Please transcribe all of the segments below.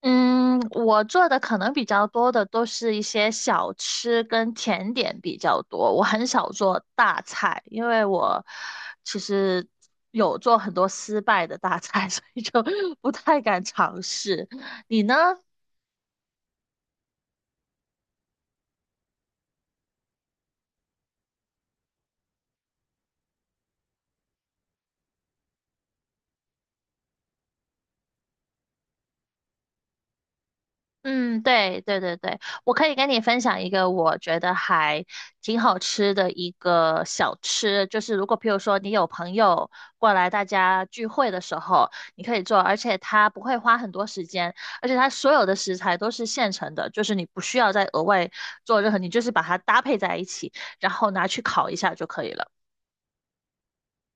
嗯，我做的可能比较多的都是一些小吃跟甜点比较多，我很少做大菜，因为我其实有做很多失败的大菜，所以就 不太敢尝试。你呢？嗯，对对对对，我可以跟你分享一个我觉得还挺好吃的一个小吃，就是如果譬如说你有朋友过来，大家聚会的时候，你可以做，而且它不会花很多时间，而且它所有的食材都是现成的，就是你不需要再额外做任何，你就是把它搭配在一起，然后拿去烤一下就可以了。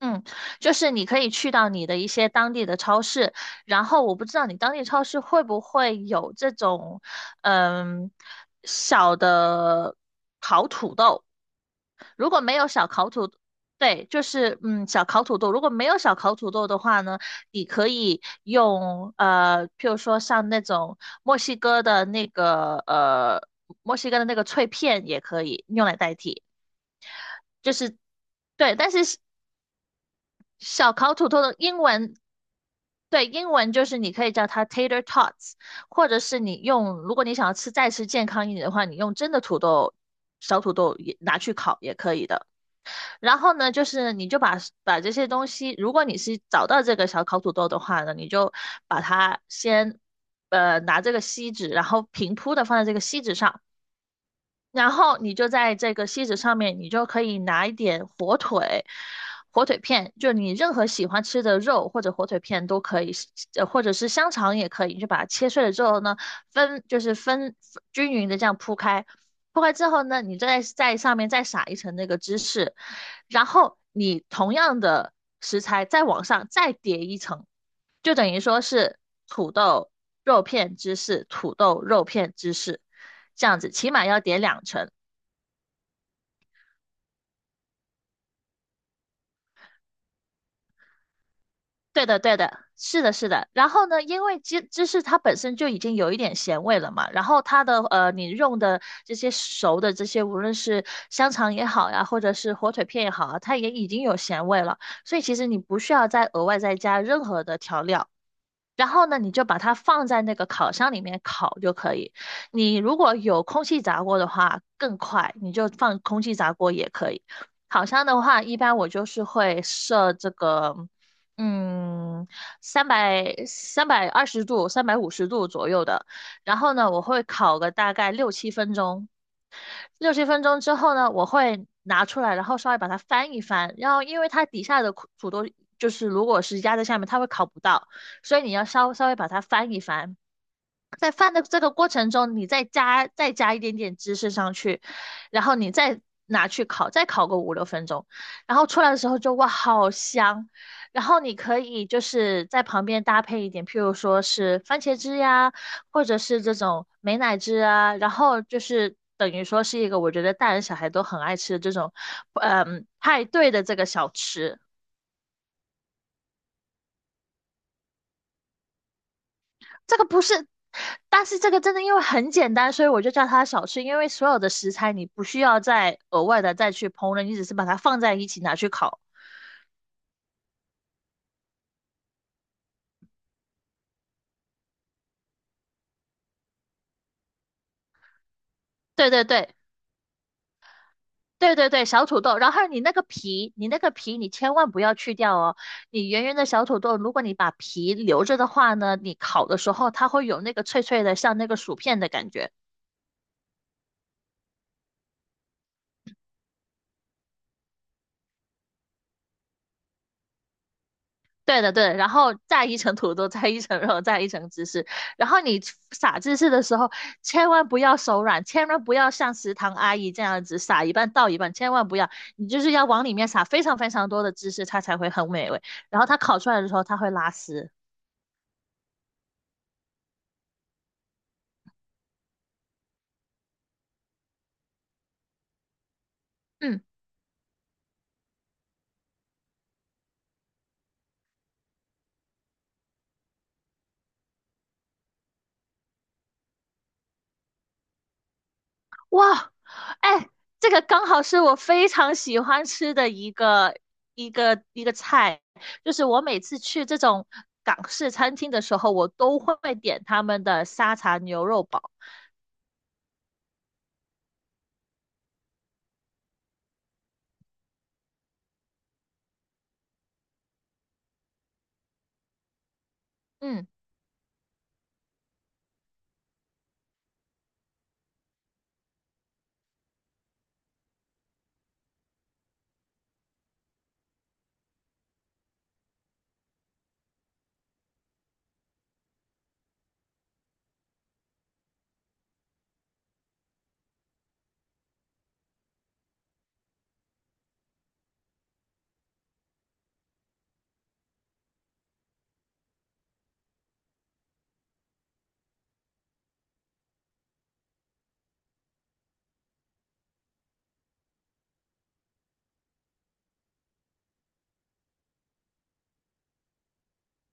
嗯，就是你可以去到你的一些当地的超市，然后我不知道你当地超市会不会有这种，嗯，小的烤土豆。如果没有小烤土，对，就是小烤土豆。如果没有小烤土豆的话呢，你可以用譬如说像那种墨西哥的那个墨西哥的那个脆片也可以用来代替，就是对，但是小烤土豆的英文，对，英文就是你可以叫它 tater tots，或者是你用，如果你想要吃再吃健康一点的话，你用真的土豆，小土豆也拿去烤也可以的。然后呢，就是你就把这些东西，如果你是找到这个小烤土豆的话呢，你就把它先，拿这个锡纸，然后平铺的放在这个锡纸上，然后你就在这个锡纸上面，你就可以拿一点火腿、火腿片，就你任何喜欢吃的肉或者火腿片都可以，或者是香肠也可以，你就把它切碎了之后呢，分就是分均匀的这样铺开，铺开之后呢，你再在上面再撒一层那个芝士，然后你同样的食材再往上再叠一层。就等于说是土豆肉片芝士，土豆肉片芝士，这样子起码要点两成。对的，对的，是的，是的。然后呢，因为芝士它本身就已经有一点咸味了嘛，然后它的你用的这些熟的这些，无论是香肠也好呀，或者是火腿片也好啊，它也已经有咸味了，所以其实你不需要再额外再加任何的调料。然后呢，你就把它放在那个烤箱里面烤就可以。你如果有空气炸锅的话，更快，你就放空气炸锅也可以。烤箱的话，一般我就是会设这个，嗯，三百二十度、350度左右的。然后呢，我会烤个大概六七分钟。六七分钟之后呢，我会拿出来，然后稍微把它翻一翻，然后因为它底下的苦土豆就是如果是压在下面，它会烤不到，所以你要稍微把它翻一翻，在饭的这个过程中，你再加一点点芝士上去，然后你再拿去烤，再烤个五六分钟，然后出来的时候就哇，好香！然后你可以就是在旁边搭配一点，譬如说是番茄汁呀，或者是这种美乃滋啊，然后就是等于说是一个我觉得大人小孩都很爱吃的这种，派对的这个小吃。这个不是，但是这个真的因为很简单，所以我就叫它小吃。因为所有的食材你不需要再额外的再去烹饪，你只是把它放在一起拿去烤。对对对对对对，小土豆。然后你那个皮，你那个皮你千万不要去掉哦。你圆圆的小土豆，如果你把皮留着的话呢，你烤的时候它会有那个脆脆的，像那个薯片的感觉。对的，对的，然后再一层土豆，再一层肉，再一层芝士。然后你撒芝士的时候，千万不要手软，千万不要像食堂阿姨这样子撒一半倒一半，千万不要，你就是要往里面撒非常非常多的芝士，它才会很美味。然后它烤出来的时候，它会拉丝。嗯，哇，哎，这个刚好是我非常喜欢吃的一个菜，就是我每次去这种港式餐厅的时候，我都会点他们的沙茶牛肉煲。嗯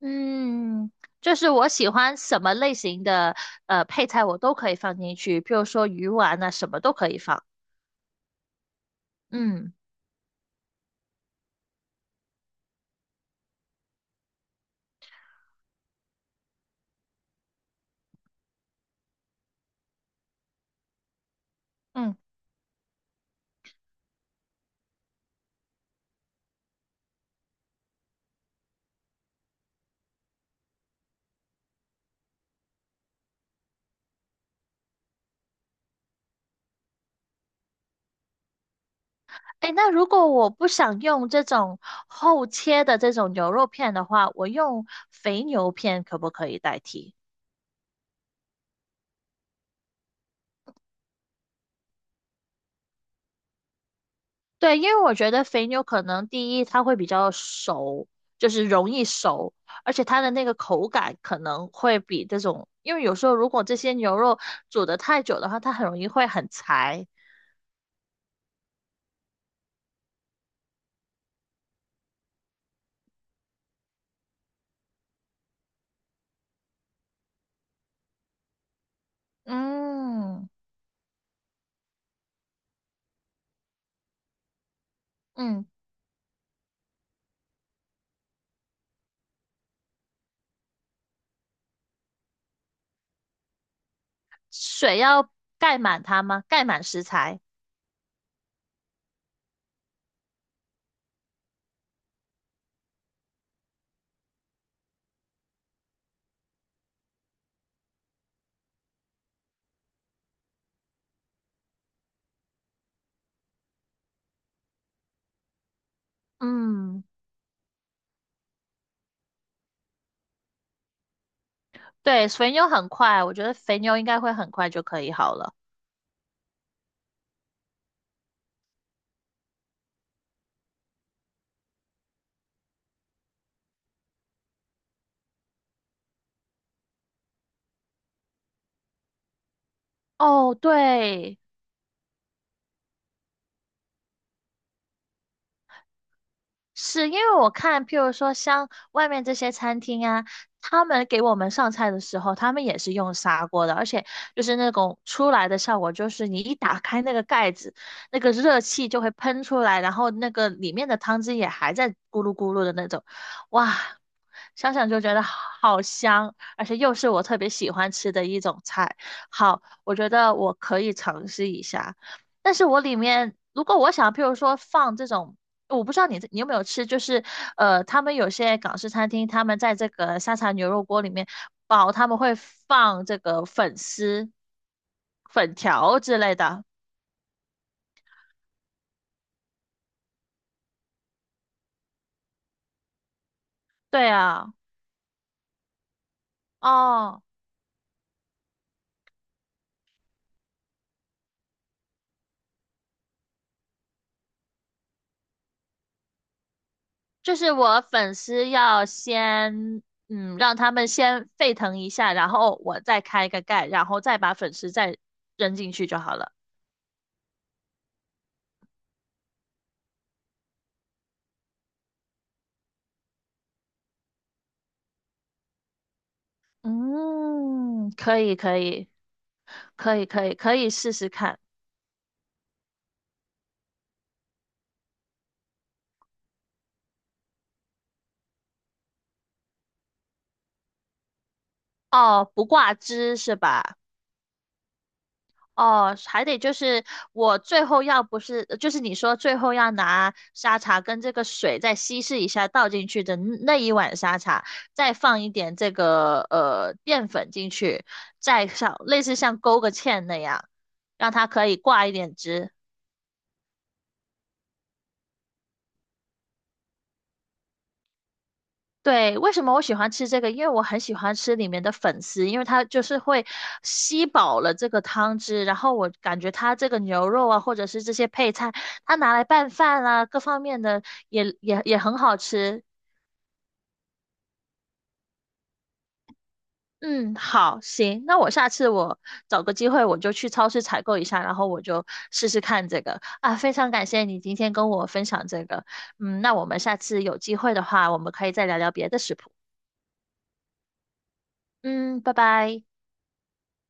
嗯，就是我喜欢什么类型的配菜，我都可以放进去，譬如说鱼丸啊，什么都可以放。嗯嗯，哎，那如果我不想用这种厚切的这种牛肉片的话，我用肥牛片可不可以代替？对，因为我觉得肥牛可能第一它会比较熟，就是容易熟，而且它的那个口感可能会比这种，因为有时候如果这些牛肉煮得太久的话，它很容易会很柴。嗯嗯，水要盖满它吗？盖满食材。嗯，对，肥牛很快，我觉得肥牛应该会很快就可以好了。哦，对，是因为我看，譬如说像外面这些餐厅啊，他们给我们上菜的时候，他们也是用砂锅的，而且就是那种出来的效果，就是你一打开那个盖子，那个热气就会喷出来，然后那个里面的汤汁也还在咕噜咕噜的那种，哇，想想就觉得好香，而且又是我特别喜欢吃的一种菜，好，我觉得我可以尝试一下。但是我里面如果我想，譬如说放这种我不知道你有没有吃，就是他们有些港式餐厅，他们在这个沙茶牛肉锅里面煲，他们会放这个粉丝、粉条之类的。对啊，哦，就是我粉丝要先，嗯，让他们先沸腾一下，然后我再开个盖，然后再把粉丝再扔进去就好了。嗯，可以，可以，可以，可以，可以试试看。哦，不挂汁是吧？哦，还得就是我最后要不是，就是你说最后要拿沙茶跟这个水再稀释一下倒进去的那一碗沙茶，再放一点这个淀粉进去，再像类似像勾个芡那样，让它可以挂一点汁。对，为什么我喜欢吃这个？因为我很喜欢吃里面的粉丝，因为它就是会吸饱了这个汤汁，然后我感觉它这个牛肉啊，或者是这些配菜，它拿来拌饭啊，各方面的也很好吃。嗯，好，行，那我下次我找个机会我就去超市采购一下，然后我就试试看这个啊。非常感谢你今天跟我分享这个，嗯，那我们下次有机会的话，我们可以再聊聊别的食谱。嗯，拜拜。